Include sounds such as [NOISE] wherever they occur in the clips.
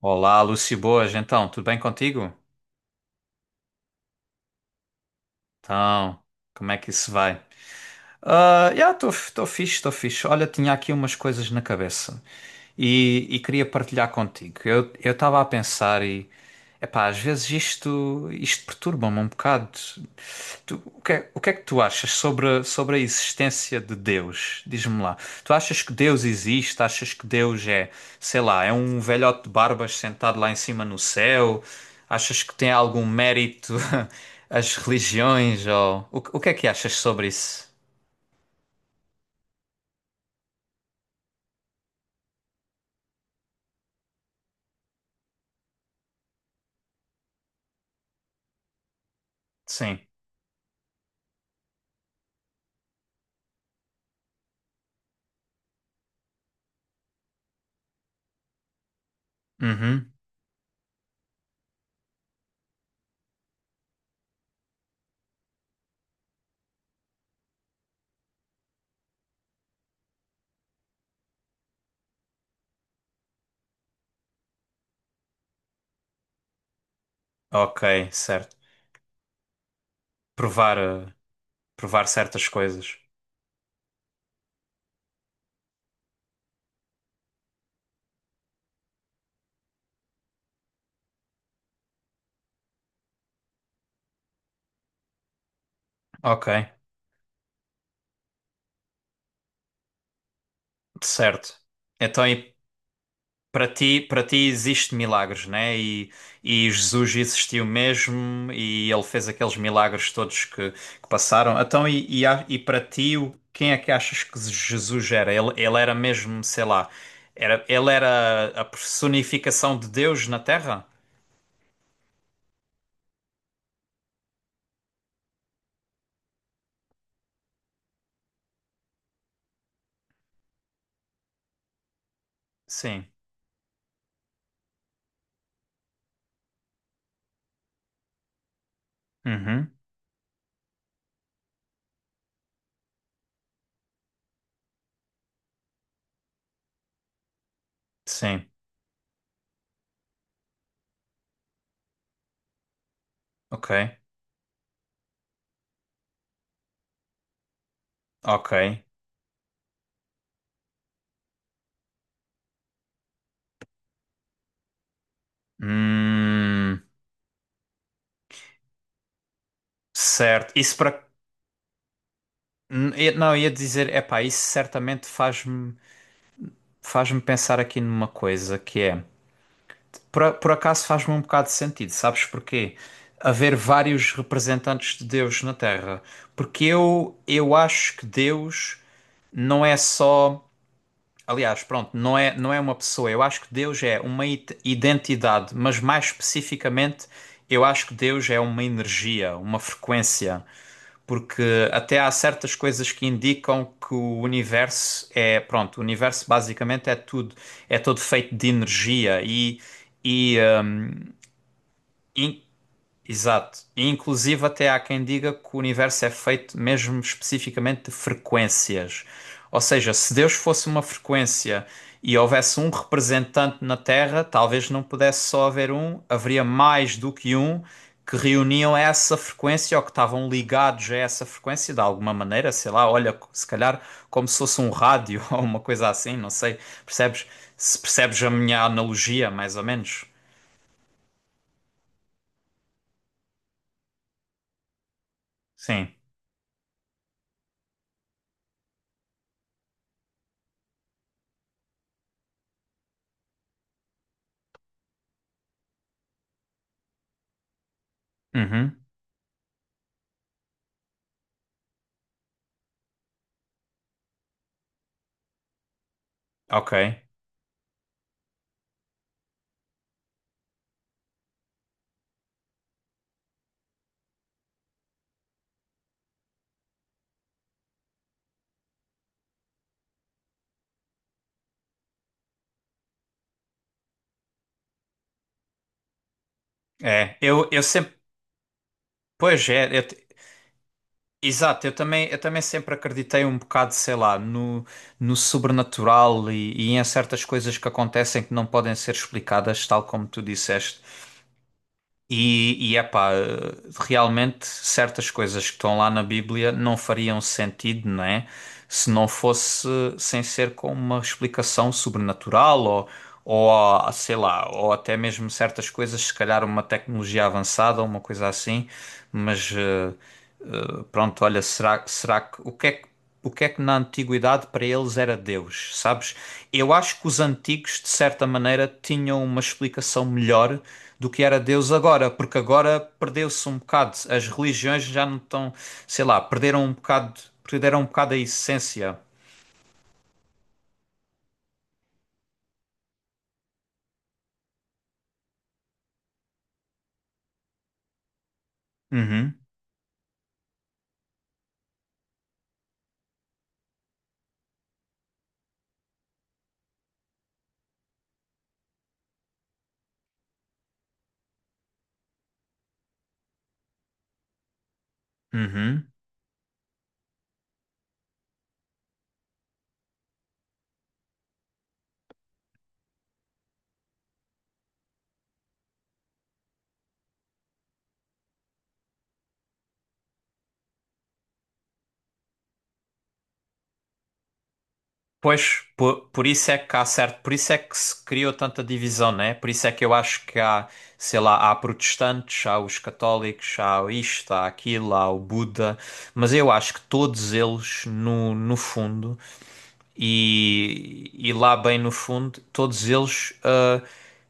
Olá, Luci. Boas, então, tudo bem contigo? Então, como é que isso vai? Ah, já, estou fixe, estou fixe. Olha, tinha aqui umas coisas na cabeça e queria partilhar contigo. Eu estava a pensar e, epá, às vezes isto perturba-me um bocado. O que é, o que é que tu achas sobre a existência de Deus? Diz-me lá. Tu achas que Deus existe? Achas que Deus é, sei lá, é um velhote de barbas sentado lá em cima no céu? Achas que tem algum mérito [LAUGHS] as religiões? Ou… O, o que é que achas sobre isso? Sim. Uhum. Ok, certo. Provar, provar certas coisas. Ok, certo. Então, e para ti, para ti existe milagres, né? E Jesus existiu mesmo e ele fez aqueles milagres todos que passaram. Então, e, e para ti, quem é que achas que Jesus era? Ele era mesmo, sei lá, era, ele era a personificação de Deus na Terra? Sim. Uhum. Sim. Ok. Ok. Hum, certo. Isso para. Não, eu ia dizer, epá, isso certamente faz-me pensar aqui numa coisa que é. Por, por acaso faz-me um bocado de sentido, sabes porquê? Haver vários representantes de Deus na Terra. Porque eu acho que Deus não é só. Aliás, pronto, não é, não é uma pessoa. Eu acho que Deus é uma identidade, mas mais especificamente, eu acho que Deus é uma energia, uma frequência. Porque até há certas coisas que indicam que o universo é. Pronto, o universo basicamente é tudo. É todo feito de energia e. E, In- exato. E, inclusive, até há quem diga que o universo é feito mesmo especificamente de frequências. Ou seja, se Deus fosse uma frequência e houvesse um representante na Terra, talvez não pudesse só haver um, haveria mais do que um que reuniam essa frequência ou que estavam ligados a essa frequência de alguma maneira, sei lá, olha, se calhar como se fosse um rádio [LAUGHS] ou uma coisa assim, não sei. Percebes? Se percebes a minha analogia, mais ou menos? Sim. Uhum. Ok. É, eu sempre, pois é, exato, eu também sempre acreditei um bocado, sei lá, no, no sobrenatural e em certas coisas que acontecem que não podem ser explicadas, tal como tu disseste. E epá, realmente certas coisas que estão lá na Bíblia não fariam sentido, não é? Se não fosse sem ser com uma explicação sobrenatural ou sei lá, ou até mesmo certas coisas, se calhar uma tecnologia avançada ou uma coisa assim, mas pronto, olha, será, será que o que é que na antiguidade para eles era Deus, sabes? Eu acho que os antigos, de certa maneira, tinham uma explicação melhor do que era Deus agora, porque agora perdeu-se um bocado. As religiões já não estão, sei lá, perderam um bocado a essência. Uhum, uhum. Pois, por isso é que há certo, por isso é que se criou tanta divisão, né? Por isso é que eu acho que há, sei lá, há protestantes, há os católicos, há o isto, há aquilo, há o Buda, mas eu acho que todos eles, no, no fundo. E lá bem no fundo, todos eles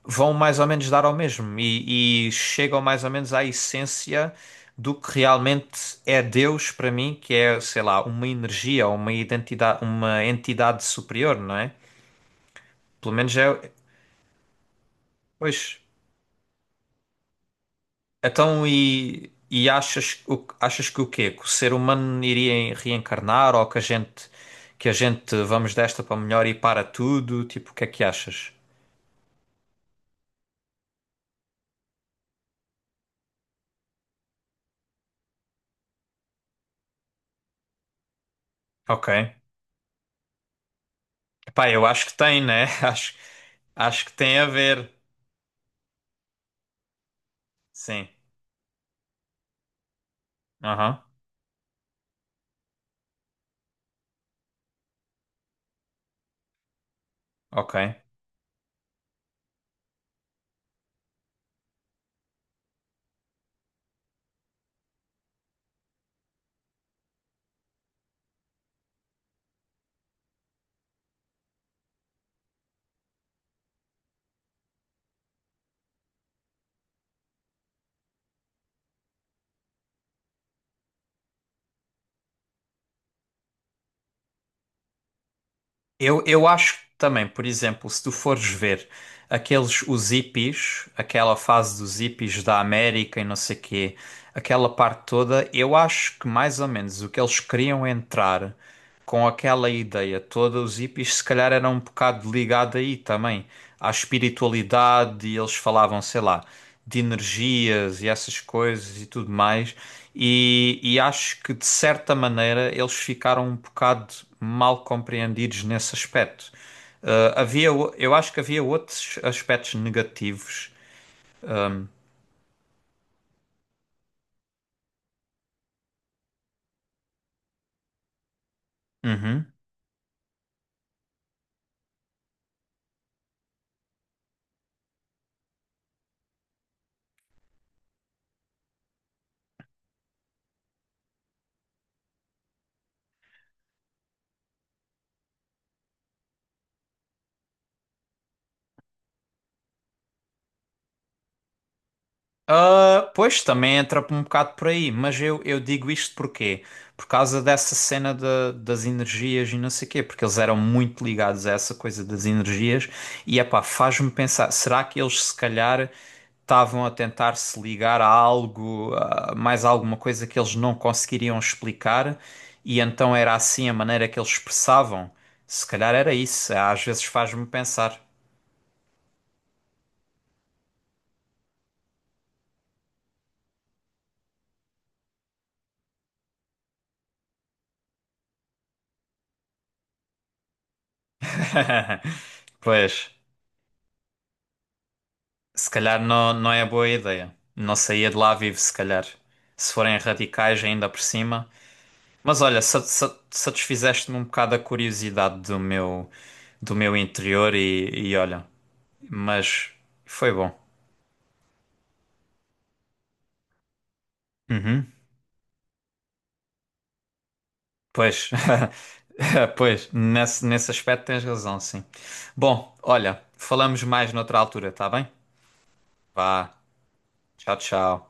vão mais ou menos dar ao mesmo e chegam mais ou menos à essência do que realmente é Deus para mim, que é, sei lá, uma energia, uma identidade, uma entidade superior, não é? Pelo menos é, pois. Então e achas, achas que o quê? Que o ser humano iria reencarnar ou que a gente vamos desta para melhor e para tudo? Tipo, o que é que achas? Ok. Pá, eu acho que tem, né? [LAUGHS] Acho, acho que tem a ver. Sim. Aham. Ok. Eu acho também, por exemplo, se tu fores ver aqueles, os hippies, aquela fase dos hippies da América e não sei quê, aquela parte toda, eu acho que mais ou menos o que eles queriam entrar com aquela ideia toda, os hippies se calhar eram um bocado ligados aí também, à espiritualidade e eles falavam, sei lá, de energias e essas coisas e tudo mais. E acho que de certa maneira eles ficaram um bocado mal compreendidos nesse aspecto. Ah, havia, eu acho que havia outros aspectos negativos. Ah, uhum. Ah, pois, também entra um bocado por aí, mas eu digo isto porquê? Por causa dessa cena das energias e não sei quê, porque eles eram muito ligados a essa coisa das energias e, epá, faz-me pensar, será que eles se calhar estavam a tentar se ligar a algo, a mais alguma coisa que eles não conseguiriam explicar e então era assim a maneira que eles expressavam? Se calhar era isso, às vezes faz-me pensar. [LAUGHS] Pois. Se calhar não, não é boa ideia. Não saía de lá vivo, se calhar. Se forem radicais ainda por cima. Mas olha, satisfizeste-me um bocado a curiosidade do meu interior e olha. Mas foi bom. Uhum. Pois, [LAUGHS] pois, nesse, nesse aspecto tens razão, sim. Bom, olha, falamos mais noutra altura, tá bem? Vá, tchau, tchau.